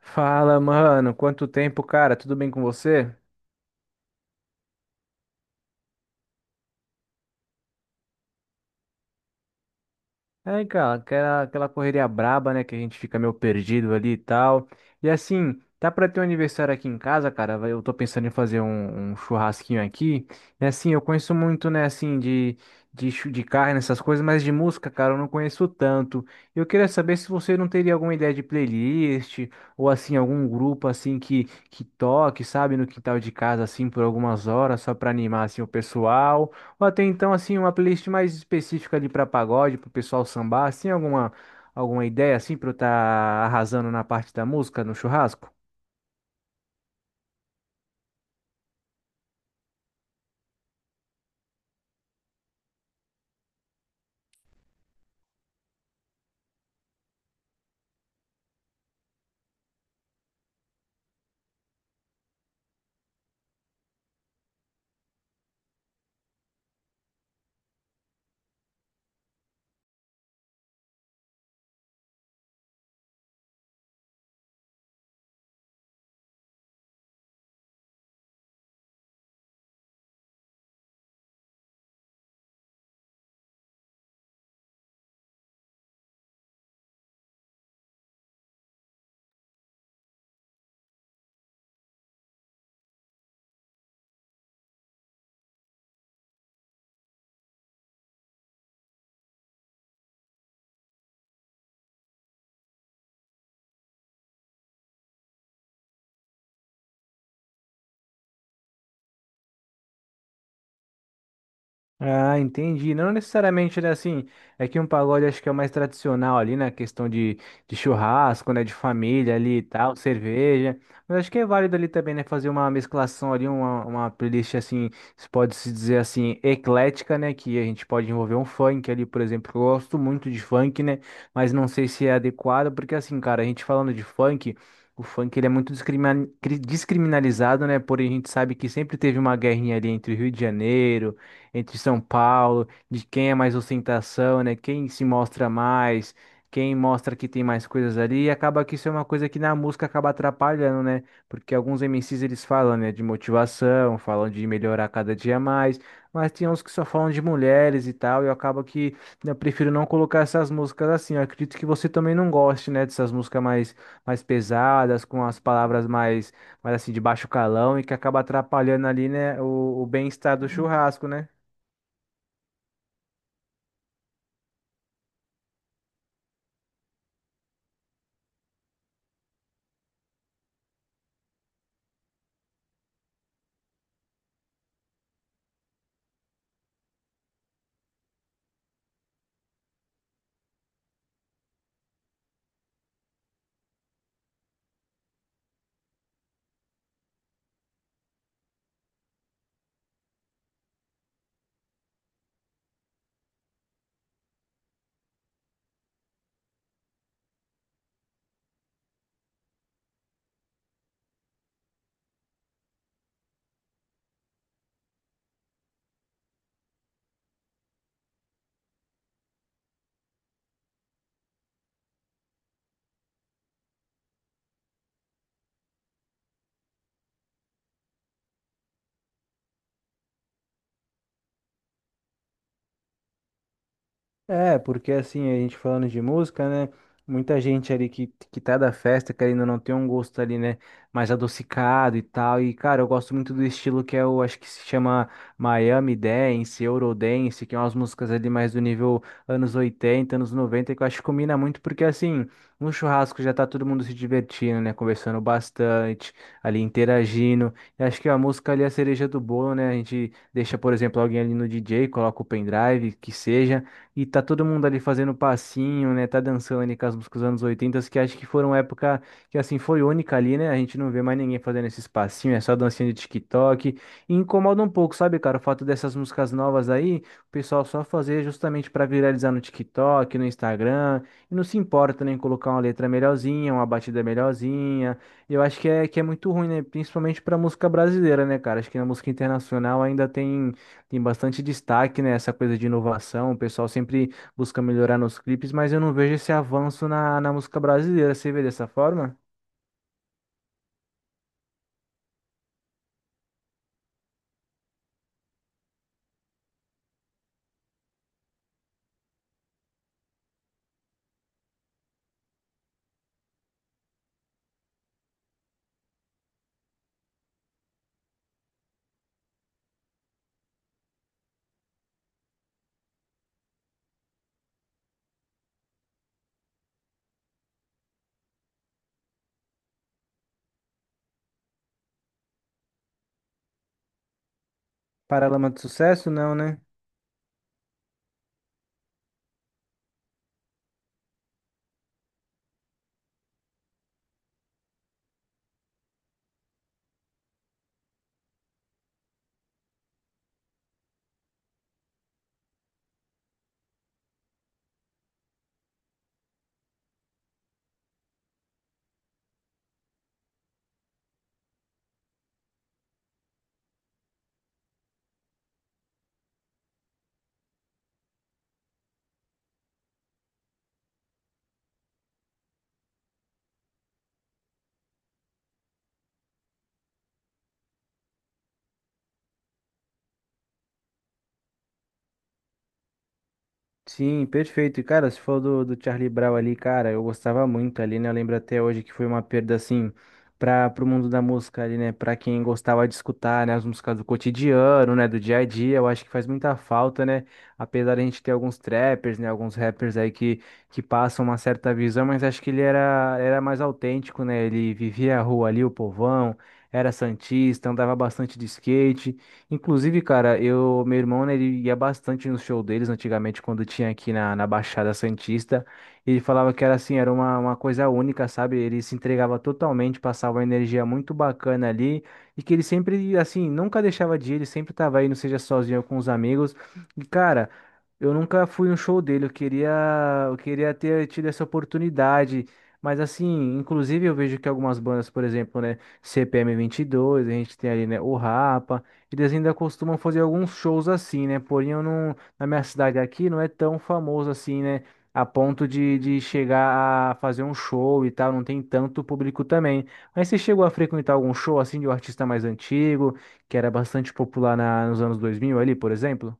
Fala, mano. Quanto tempo, cara? Tudo bem com você? É, cara, aquela correria braba, né? Que a gente fica meio perdido ali e tal. E assim, tá pra ter um aniversário aqui em casa, cara. Eu tô pensando em fazer um churrasquinho aqui. E assim, eu conheço muito, né? Assim, de carne, essas coisas, mas de música, cara, eu não conheço tanto. Eu queria saber se você não teria alguma ideia de playlist ou assim, algum grupo assim que toque, sabe, no quintal de casa, assim, por algumas horas, só pra animar assim o pessoal. Ou até então, assim, uma playlist mais específica ali para pagode, para o pessoal sambar, assim, alguma ideia, assim, para eu estar arrasando na parte da música, no churrasco? Ah, entendi. Não necessariamente, né? Assim, é que um pagode acho que é o mais tradicional ali, na questão de churrasco, né? De família ali e tal, cerveja. Mas acho que é válido ali também, né? Fazer uma mesclação ali, uma playlist assim, se pode se dizer assim, eclética, né? Que a gente pode envolver um funk ali, por exemplo. Eu gosto muito de funk, né? Mas não sei se é adequado, porque assim, cara, a gente falando de funk. O funk ele é muito descriminalizado, né? Porém, a gente sabe que sempre teve uma guerrinha ali entre o Rio de Janeiro, entre São Paulo, de quem é mais ostentação, né? Quem se mostra mais, quem mostra que tem mais coisas ali, e acaba que isso é uma coisa que na música acaba atrapalhando, né? Porque alguns MCs eles falam, né, de motivação, falam de melhorar cada dia mais, mas tem uns que só falam de mulheres e tal, e eu acabo que né, eu prefiro não colocar essas músicas assim. Eu acredito que você também não goste, né, dessas músicas mais pesadas, com as palavras mais, mais assim, de baixo calão e que acaba atrapalhando ali, né, o bem-estar do churrasco, né? É, porque assim, a gente falando de música, né? Muita gente ali que tá da festa, querendo ou não tem um gosto ali, né? Mais adocicado e tal. E, cara, eu gosto muito do estilo que é o, acho que se chama Miami Dance, Eurodance, que é umas músicas ali mais do nível anos 80, anos 90, que eu acho que combina muito, porque assim, no churrasco já tá todo mundo se divertindo, né? Conversando bastante, ali interagindo. E acho que a música ali é a cereja do bolo, né? A gente deixa, por exemplo, alguém ali no DJ, coloca o pendrive, que seja. E tá todo mundo ali fazendo passinho, né? Tá dançando ali com as músicas dos anos 80, que acho que foram época que assim foi única ali, né? A gente não vê mais ninguém fazendo esses passinhos, é só dancinha de TikTok. E incomoda um pouco, sabe, cara, o fato dessas músicas novas aí, o pessoal só fazer justamente pra viralizar no TikTok, no Instagram, e não se importa nem em colocar uma letra melhorzinha, uma batida melhorzinha. Eu acho que é muito ruim, né? Principalmente pra música brasileira, né, cara? Acho que na música internacional ainda tem. Tem bastante destaque, né, essa coisa de inovação, o pessoal sempre busca melhorar nos clipes, mas eu não vejo esse avanço na música brasileira, você vê dessa forma? Paralama de sucesso, não, né? Sim, perfeito. E, cara, se for do Charlie Brown ali, cara, eu gostava muito ali, né? Eu lembro até hoje que foi uma perda, assim, para o mundo da música ali, né? Pra quem gostava de escutar, né? As músicas do cotidiano, né? Do dia a dia, eu acho que faz muita falta, né? Apesar de a gente ter alguns trappers, né? Alguns rappers aí que passam uma certa visão, mas acho que ele era, era mais autêntico, né? Ele vivia a rua ali, o povão, era santista, andava bastante de skate. Inclusive, cara, eu, meu irmão, né, ele ia bastante no show deles antigamente, quando tinha aqui na Baixada Santista. Ele falava que era assim, era uma coisa única, sabe? Ele se entregava totalmente, passava uma energia muito bacana ali. E que ele sempre, assim, nunca deixava de ir, ele sempre tava aí, não seja sozinho ou com os amigos. E, cara, eu nunca fui no show dele, eu queria ter tido essa oportunidade. Mas, assim, inclusive eu vejo que algumas bandas, por exemplo, né, CPM dois a gente tem ali, né, o Rapa. Eles ainda costumam fazer alguns shows assim, né? Porém, eu não, na minha cidade aqui não é tão famoso assim, né? A ponto de chegar a fazer um show e tal, não tem tanto público também. Mas você chegou a frequentar algum show assim de um artista mais antigo, que era bastante popular nos anos 2000 ali, por exemplo?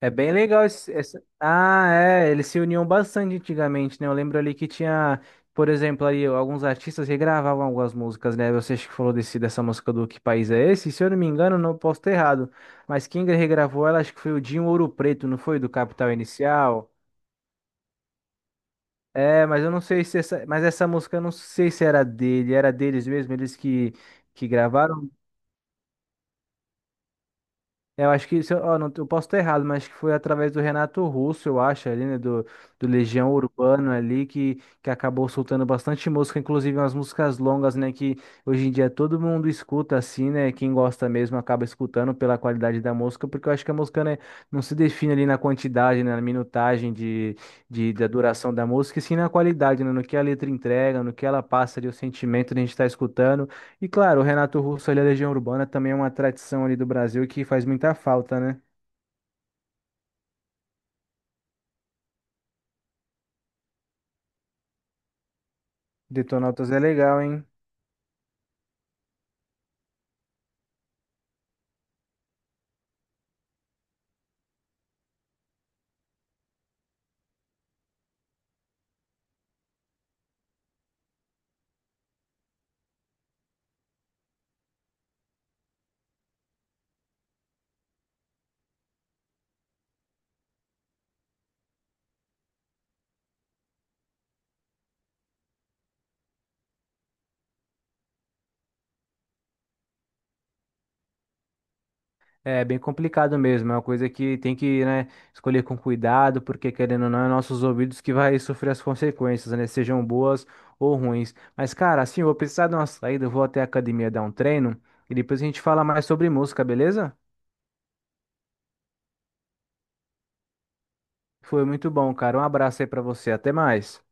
É bem legal Ah, é, eles se uniam bastante antigamente, né? Eu lembro ali que tinha, por exemplo, ali alguns artistas regravavam algumas músicas, né? Você acho que falou dessa música do Que País é Esse? Se eu não me engano, não posso estar errado, mas quem regravou ela acho que foi o Dinho Ouro Preto, não foi? Do Capital Inicial. É, mas eu não sei se essa, mas essa música eu não sei se era dele, era deles mesmo, eles que gravaram. É, eu acho que, se eu, ó, não, eu posso estar errado, mas acho que foi através do Renato Russo, eu acho, ali, né, do Legião Urbano ali, que acabou soltando bastante música, inclusive umas músicas longas, né, que hoje em dia todo mundo escuta assim, né, quem gosta mesmo acaba escutando pela qualidade da música, porque eu acho que a música, né, não se define ali na quantidade, né, na minutagem de, da duração da música, e sim na qualidade, né, no que a letra entrega, no que ela passa ali, o sentimento que a gente está escutando. E claro, o Renato Russo ali, a Legião Urbana também é uma tradição ali do Brasil que faz muita falta, né? Detonautas é legal, hein? É bem complicado mesmo, é uma coisa que tem que, né, escolher com cuidado, porque querendo ou não, é nossos ouvidos que vai sofrer as consequências, né? Sejam boas ou ruins. Mas, cara, assim, eu vou precisar de uma saída, eu vou até a academia dar um treino e depois a gente fala mais sobre música, beleza? Foi muito bom, cara. Um abraço aí pra você, até mais.